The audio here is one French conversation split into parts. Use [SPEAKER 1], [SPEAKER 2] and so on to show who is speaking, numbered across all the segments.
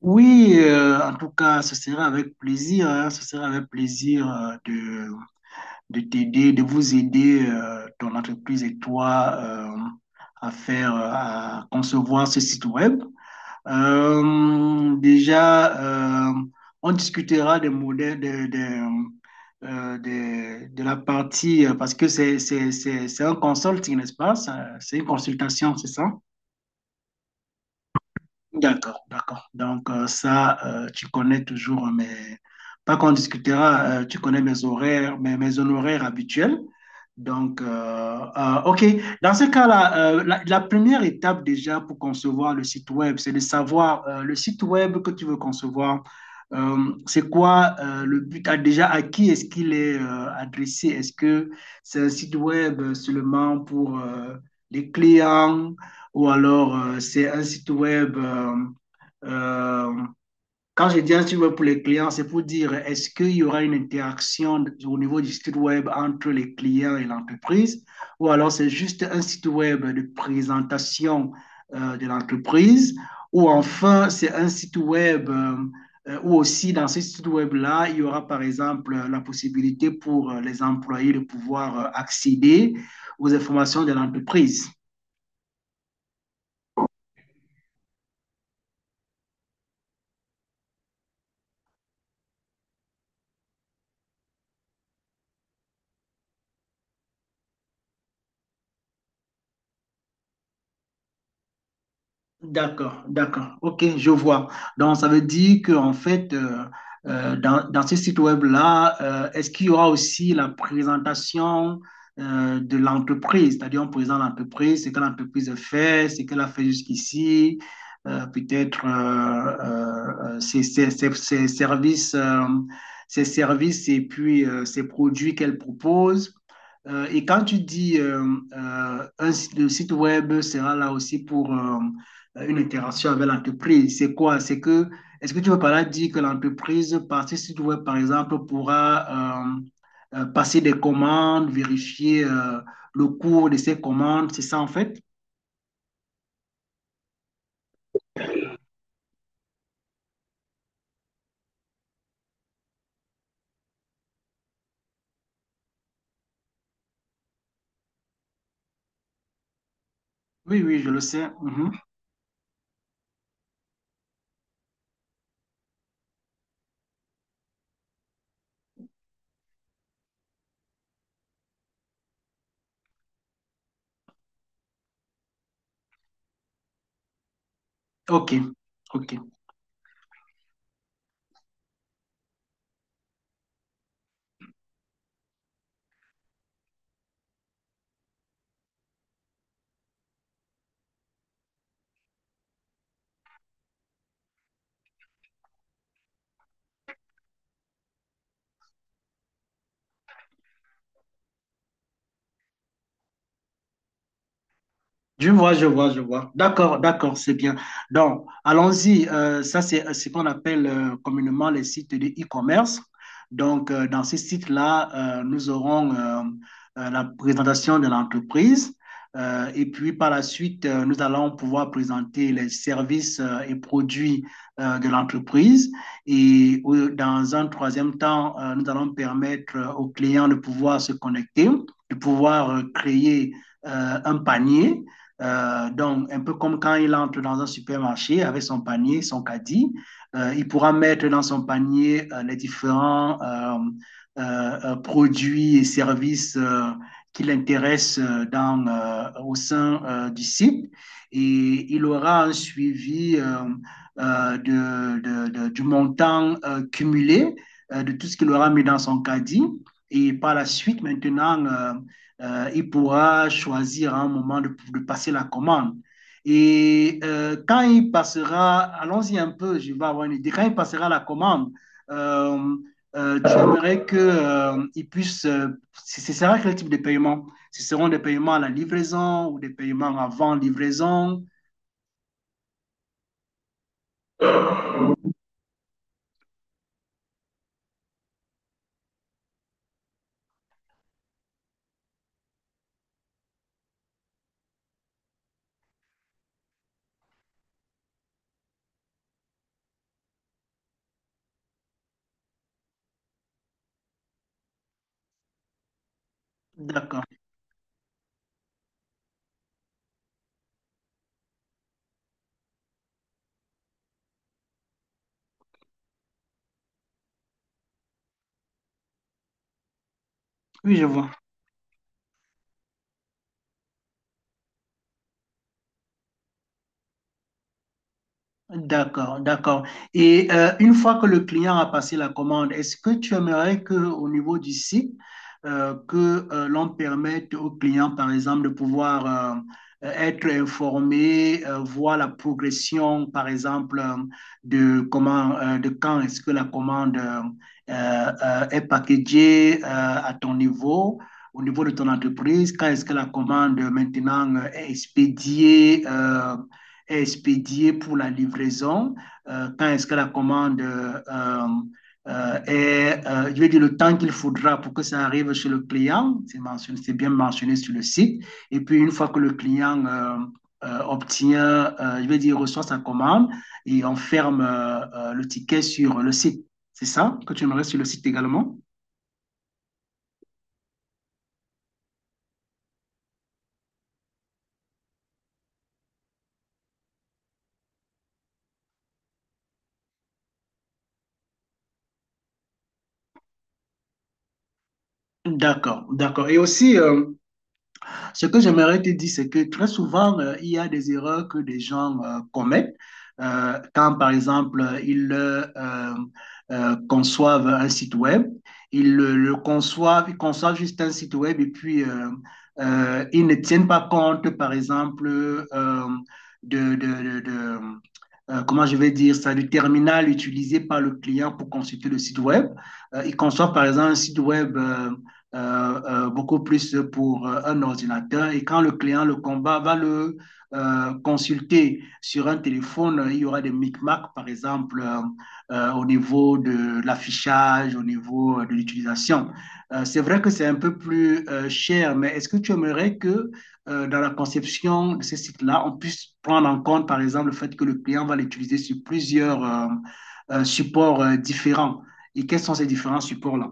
[SPEAKER 1] Oui, en tout cas, ce sera avec plaisir, hein, ce sera avec plaisir de t'aider, de vous aider, ton entreprise et toi, à concevoir ce site web. Déjà, on discutera des modèles, de la partie, parce que c'est un consulting, n'est-ce pas? C'est une consultation, c'est ça? D'accord, d'accord. Donc tu connais toujours mes... Pas qu'on discutera, tu connais mes honoraires habituels. Donc, euh, OK. Dans ce cas-là, la première étape déjà pour concevoir le site web, c'est de savoir le site web que tu veux concevoir. C'est quoi le but? Ah, déjà, à qui est-ce qu'il est adressé? Est-ce que c'est un site web seulement pour les clients? Ou alors c'est un site web. euh, Quand je dis un site web pour les clients, c'est pour dire est-ce qu'il y aura une interaction au niveau du site web entre les clients et l'entreprise, ou alors c'est juste un site web de présentation de l'entreprise, ou enfin c'est un site web où aussi dans ce site web-là, il y aura par exemple la possibilité pour les employés de pouvoir accéder aux informations de l'entreprise. D'accord, d'accord. OK, je vois. Donc, ça veut dire qu'en fait, dans ce site web-là, est-ce qu'il y aura aussi la présentation de l'entreprise? C'est-à-dire, on présente l'entreprise, ce que l'entreprise a fait, ce qu'elle a fait jusqu'ici, peut-être ses services et puis ses produits qu'elle propose. Et quand tu dis le site web sera là aussi pour une interaction avec l'entreprise. C'est quoi? C'est que, est-ce que tu veux par là dire que l'entreprise, par si tu veux, par exemple, pourra passer des commandes, vérifier le cours de ces commandes, c'est ça en fait? Oui, oui, je le sais. Mhm. OK, OK. Je vois, je vois, je vois. D'accord, d'accord, c'est bien. Donc, allons-y. Ça, c'est ce qu'on appelle communément les sites de e-commerce. Donc, dans ces sites-là, nous aurons la présentation de l'entreprise. Et puis, par la suite, nous allons pouvoir présenter les services et produits de l'entreprise. Dans un troisième temps, nous allons permettre aux clients de pouvoir se connecter, de pouvoir créer un panier, donc, un peu comme quand il entre dans un supermarché avec son panier, son caddie, il pourra mettre dans son panier les différents produits et services qui l'intéressent au sein du site. Et il aura un suivi du montant cumulé de tout ce qu'il aura mis dans son caddie. Et par la suite, maintenant, il pourra choisir à un moment de passer la commande. Et quand il passera, allons-y un peu, je vais avoir une idée, quand il passera la commande, euh, tu aimerais que, il puisse, ce sera quel type de paiement? Ce seront des paiements à la livraison ou des paiements avant livraison? D'accord. Oui, je vois. D'accord, d'accord. Et une fois que le client a passé la commande, est-ce que tu aimerais que, au niveau du site, que l'on permette au client, par exemple, de pouvoir être informé, voir la progression, par exemple, de comment, de quand est-ce que la commande est packagée à ton niveau? Au niveau de ton entreprise, quand est-ce que la commande maintenant est expédiée pour la livraison, quand est-ce que la commande est, je vais dire le temps qu'il faudra pour que ça arrive chez le client, c'est, mentionné, c'est bien mentionné sur le site, et puis une fois que le client obtient, je vais dire, reçoit sa commande et on ferme le ticket sur le site. C'est ça que tu aimerais sur le site également? D'accord, d'accord. Et aussi, ce que j'aimerais te dire, c'est que très souvent, il y a des erreurs que des gens commettent quand, par exemple, ils conçoivent un site web. Ils le conçoivent, ils conçoivent juste un site web et puis ils ne tiennent pas compte, par exemple, de, de, de, de- comment je vais dire ça, du terminal utilisé par le client pour consulter le site web. Ils conçoivent, par exemple, un site web. euh, beaucoup plus pour un ordinateur. Et quand le client, le combat, va le consulter sur un téléphone, il y aura des micmacs, par exemple, au niveau de l'affichage, au niveau de l'utilisation. C'est vrai que c'est un peu plus cher, mais est-ce que tu aimerais que dans la conception de ces sites-là, on puisse prendre en compte, par exemple, le fait que le client va l'utiliser sur plusieurs supports différents? Et quels sont ces différents supports-là?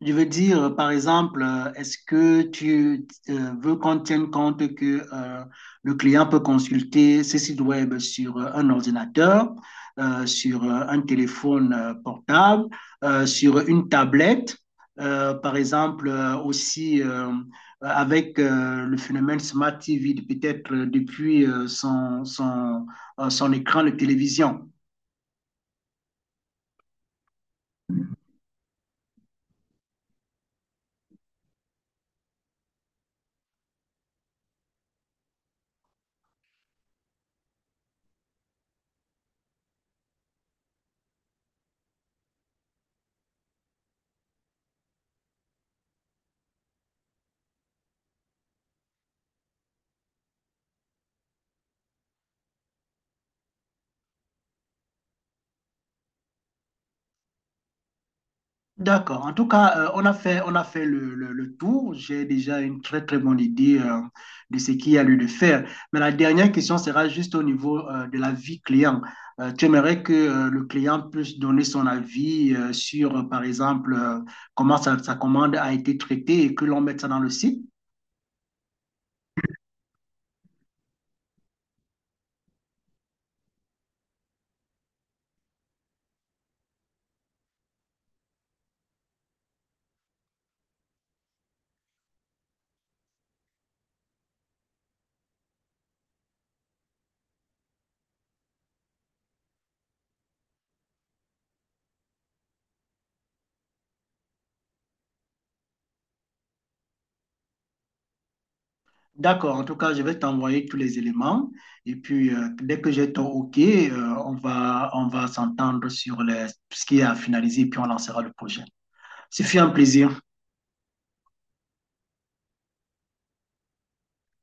[SPEAKER 1] Je veux dire, par exemple, est-ce que tu veux qu'on tienne compte que le client peut consulter ses sites web sur un ordinateur, sur un téléphone portable, sur une tablette, par exemple, aussi avec le phénomène Smart TV, de peut-être depuis son écran de télévision. D'accord. En tout cas, on a fait le tour. J'ai déjà une très, très bonne idée de ce qu'il y a lieu de faire. Mais la dernière question sera juste au niveau de la vie client. Tu aimerais que le client puisse donner son avis sur, par exemple, comment sa commande a été traitée et que l'on mette ça dans le site? D'accord. En tout cas, je vais t'envoyer tous les éléments. Et puis, dès que j'ai ton OK, on va s'entendre sur ce qui est à finaliser et puis on lancera le projet. Ce fut un plaisir.